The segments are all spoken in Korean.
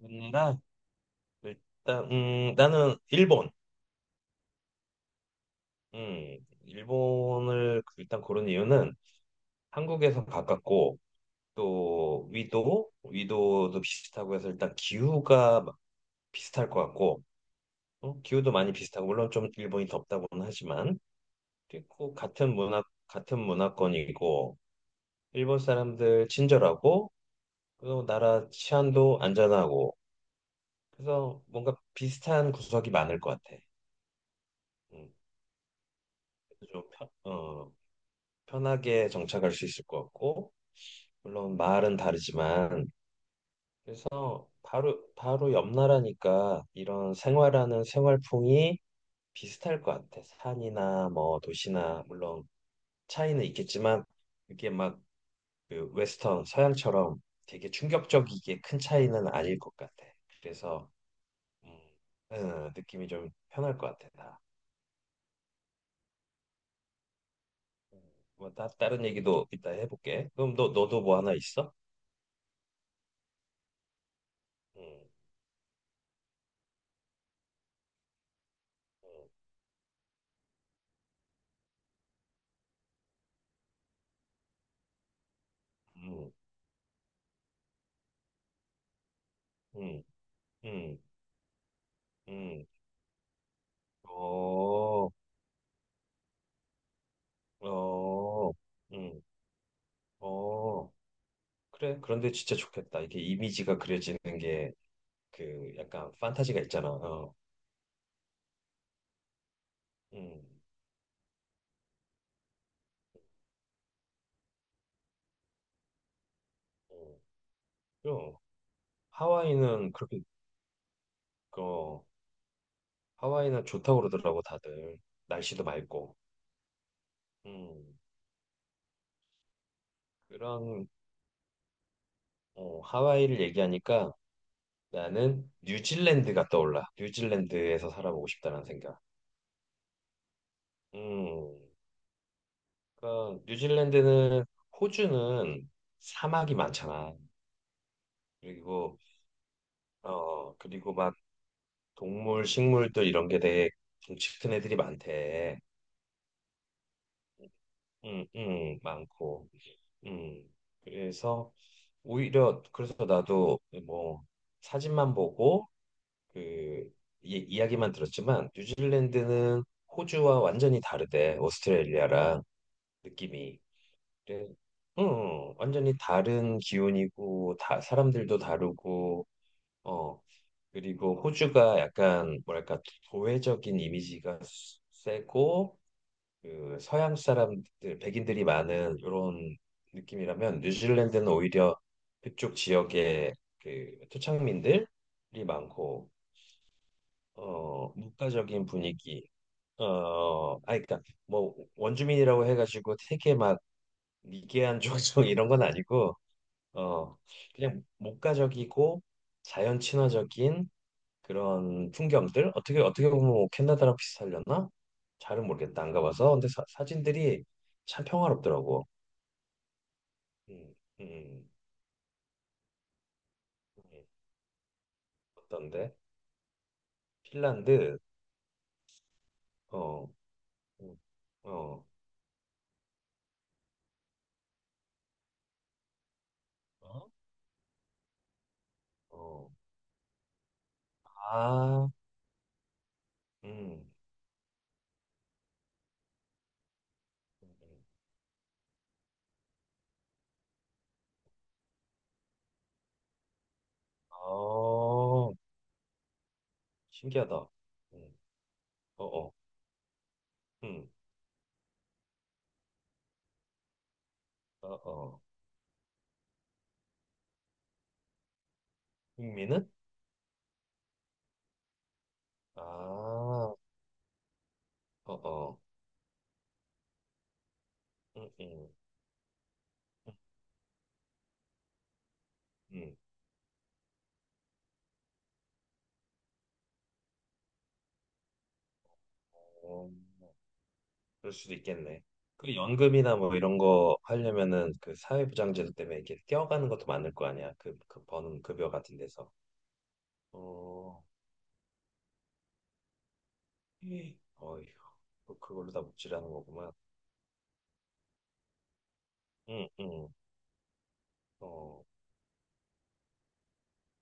맨날. 일단 나는 일본. 일본을 일단 고른 이유는 한국에서 가깝고 또 위도도 비슷하고 해서 일단 기후가 막 비슷할 것 같고. 기후도 많이 비슷하고 물론 좀 일본이 덥다고는 하지만 그리고 같은 문화권이고 일본 사람들 친절하고 그리고 나라 치안도 안전하고 그래서 뭔가 비슷한 구석이 많을 것 같아. 음, 그래서 좀 편, 어 편하게 정착할 수 있을 것 같고, 물론 마을은 다르지만, 그래서 바로 옆 나라니까 이런 생활하는 생활풍이 비슷할 것 같아. 산이나 뭐 도시나, 물론 차이는 있겠지만, 그게 막그 서양처럼 되게 충격적이게 큰 차이는 아닐 것 같아. 그래서, 음, 느낌이 좀 편할 것 같아, 나. 음, 뭐, 다른 얘기도 이따 해볼게. 그럼 너도 뭐 하나 있어? 음, 음, 음. 음. 음, 음, 어, 어, 음, 어, 그래. 그런데 진짜 좋겠다. 이게 이미지가 그려지는 게 약간 판타지가 있잖아. 어, 음, 어. 그럼 하와이는 그렇게, 어, 하와이는 좋다고 그러더라고, 다들. 날씨도 맑고. 음, 그런, 어, 하와이를 얘기하니까 나는 뉴질랜드가 떠올라. 뉴질랜드에서 살아보고 싶다는 생각. 음. 그러니까 뉴질랜드는, 호주는 사막이 많잖아. 그리고 그리고 막 동물, 식물들 이런 게 되게 덩치 큰 애들이 많대. 응, 응, 많고. 응. 그래서 오히려 그래서 나도 뭐 사진만 보고 그 이야기만 들었지만 뉴질랜드는 호주와 완전히 다르대. 오스트레일리아랑 느낌이. 그래. 응, 응. 완전히 다른 기온이고, 다, 사람들도 다르고, 어, 그리고 호주가 약간, 뭐랄까, 도회적인 세고, 서양 사람들, 백인들이 많은 이런 느낌이라면, 뉴질랜드는 오히려 그쪽 지역에 토착민들이 많고, 어, 문화적인 분위기, 어, 아, 그니까, 뭐, 원주민이라고 해가지고 되게 막 미개한 종족 이런 건 아니고, 어, 그냥 목가적이고 자연 친화적인 그런 풍경들. 어떻게 보면 뭐 캐나다랑 비슷하려나? 잘은 모르겠다. 안 가봐서. 근데 사진들이 참 평화롭더라고. 음, 음, 네, 어떤데? 핀란드. 어, 음, 어, 어, 어. 아, 음, 음. 어, 신기하다. 음, 어, 어, 음, 어, 어. 흥미는? 아, 어, 어, 음, 음. 음. 음, 어, 그럴 수도 있겠네. 그 연금이나 뭐 이런 거 하려면은 그 사회보장제도 때문에 이렇게 뛰어가는 것도 많을 거 아니야. 그 버는 급여 같은 데서. 어, 예. 어휴, 그걸로 다 묵지라는 거구만. 응, 응, 어,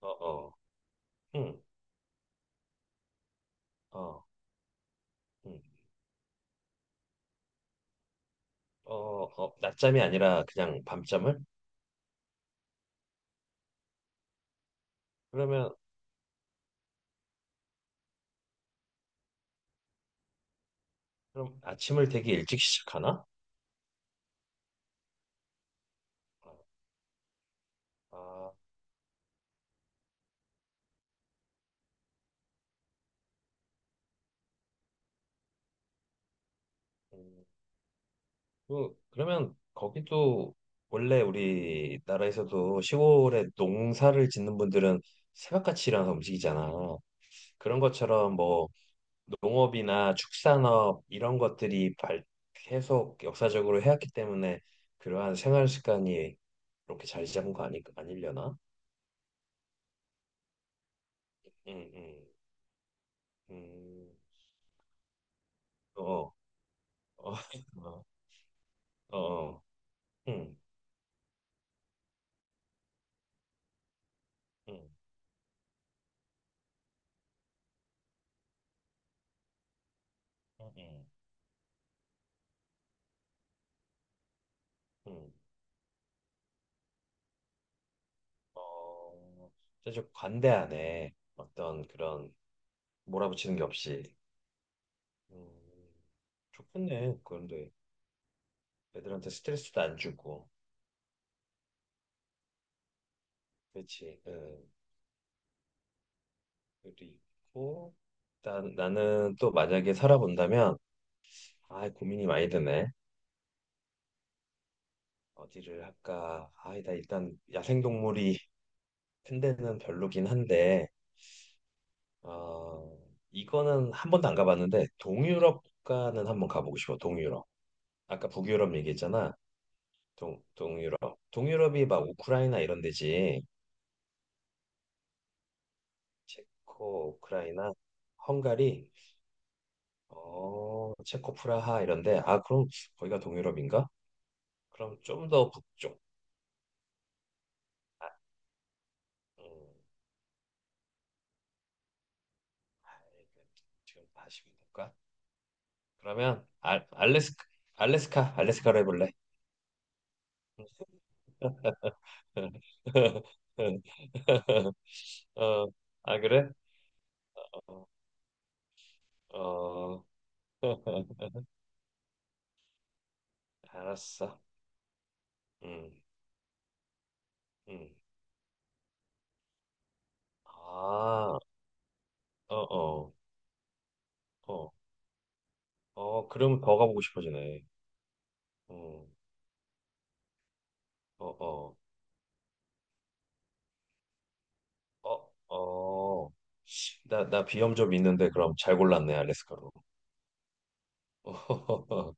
어, 어, 응, 어, 응, 어, 어, 낮잠이 아니라 그냥 밤잠을? 그러면, 그럼 아침을 되게 일찍 시작하나? 아, 아, 음. 그, 그러면 거기도 원래 우리나라에서도 시골에 농사를 짓는 분들은 새벽같이 일어나서 움직이잖아. 그런 것처럼 뭐 농업이나 축산업 이런 것들이 계속 역사적으로 해왔기 때문에 그러한 생활 습관이 이렇게 자리 잡은 거 아니, 아니려나? 응, 응, 응, 어, 어, 어, 어, 응, 응, 응, 응. 응. 어, 사실 관대하네. 어떤 그런 몰아붙이는 게 없이. 음, 좋겠네. 그런데 애들한테 스트레스도 안 주고. 그렇지. 그리고 일단 나는 또 만약에 살아본다면 아, 고민이 많이 드네. 어디를 할까? 아, 나 일단 야생동물이 큰 데는 별로긴 한데 어, 이거는 한 번도 안 가봤는데 동유럽 국가는 한 번 가보고 싶어. 동유럽. 아까 북유럽 얘기했잖아. 동유럽. 동유럽이 막 우크라이나 이런 데지. 체코, 우크라이나, 헝가리, 어, 체코 프라하 이런 데. 아, 그럼 거기가 동유럽인가? 그럼 좀 더 북쪽. 아, 음, 지금 다시 볼까? 그러면 알래스카, 알래스카로 해볼래? 어, 아, 그래? 어, 어, 알았어. 음, 음. 아, 어, 어, 어. 어, 그러면 더 가보고 싶어지네. 어, 어, 어, 어, 어. 나, 나 비염 좀 있는데, 그럼 잘 골랐네, 알래스카로.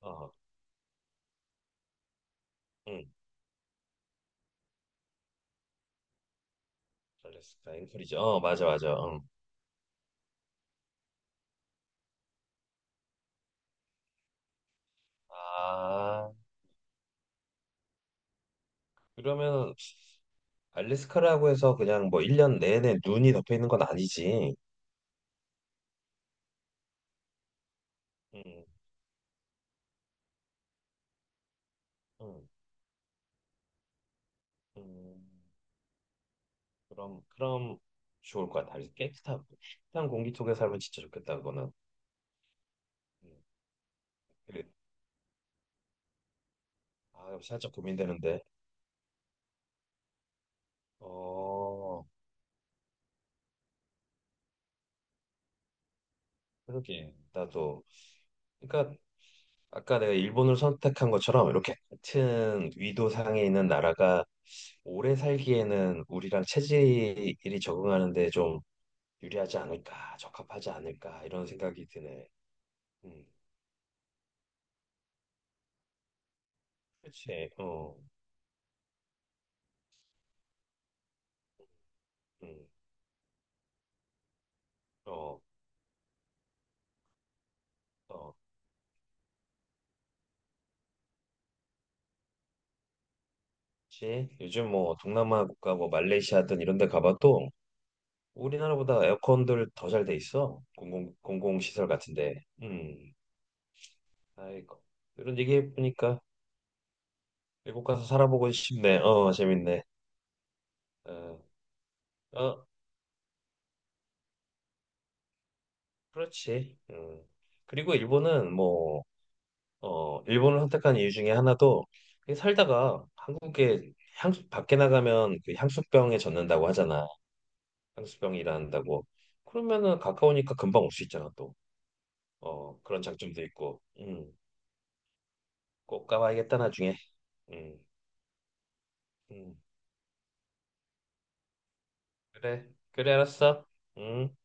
어, 응, 알래스카, 앵커리지. 어, 맞아, 맞아. 응. 아, 그러면 알래스카라고 해서 그냥 뭐 1년 내내 눈이 덮여 있는 건 아니지. 응, 응, 응. 그럼, 그럼 좋을 것 같아. 깨끗한, 깨끗한 공기 속에 살면 진짜 좋겠다, 그거는. 음, 그래. 아, 살짝 고민되는데. 어, 그러게. 나도. 그러니까 아까 내가 일본을 선택한 것처럼 이렇게 같은 위도상에 있는 나라가 오래 살기에는 우리랑 체질이 적응하는데 좀 유리하지 않을까, 적합하지 않을까 이런 생각이 드네. 음, 그렇지. 어, 음, 어, 어. 그치? 요즘 뭐 동남아 국가 뭐 말레이시아든 이런 데 가봐도 우리나라보다 에어컨들 더 잘 돼 있어. 공공시설 같은데. 음. 아이고. 이런 얘기 해보니까 미국 가서 살아보고 싶네. 어, 재밌네. 어, 어, 그렇지. 음. 그리고 일본은 뭐, 어, 일본을 선택한 이유 중에 하나도 그냥 살다가 한국에 향수, 밖에 나가면 그 향수병에 젖는다고 하잖아. 향수병이 일어난다고. 그러면은 가까우니까 금방 올 수 있잖아, 또. 어, 그런 장점도 있고. 꼭 가봐야겠다, 나중에. 음, 음. 그래, 그래, 알았어. 음.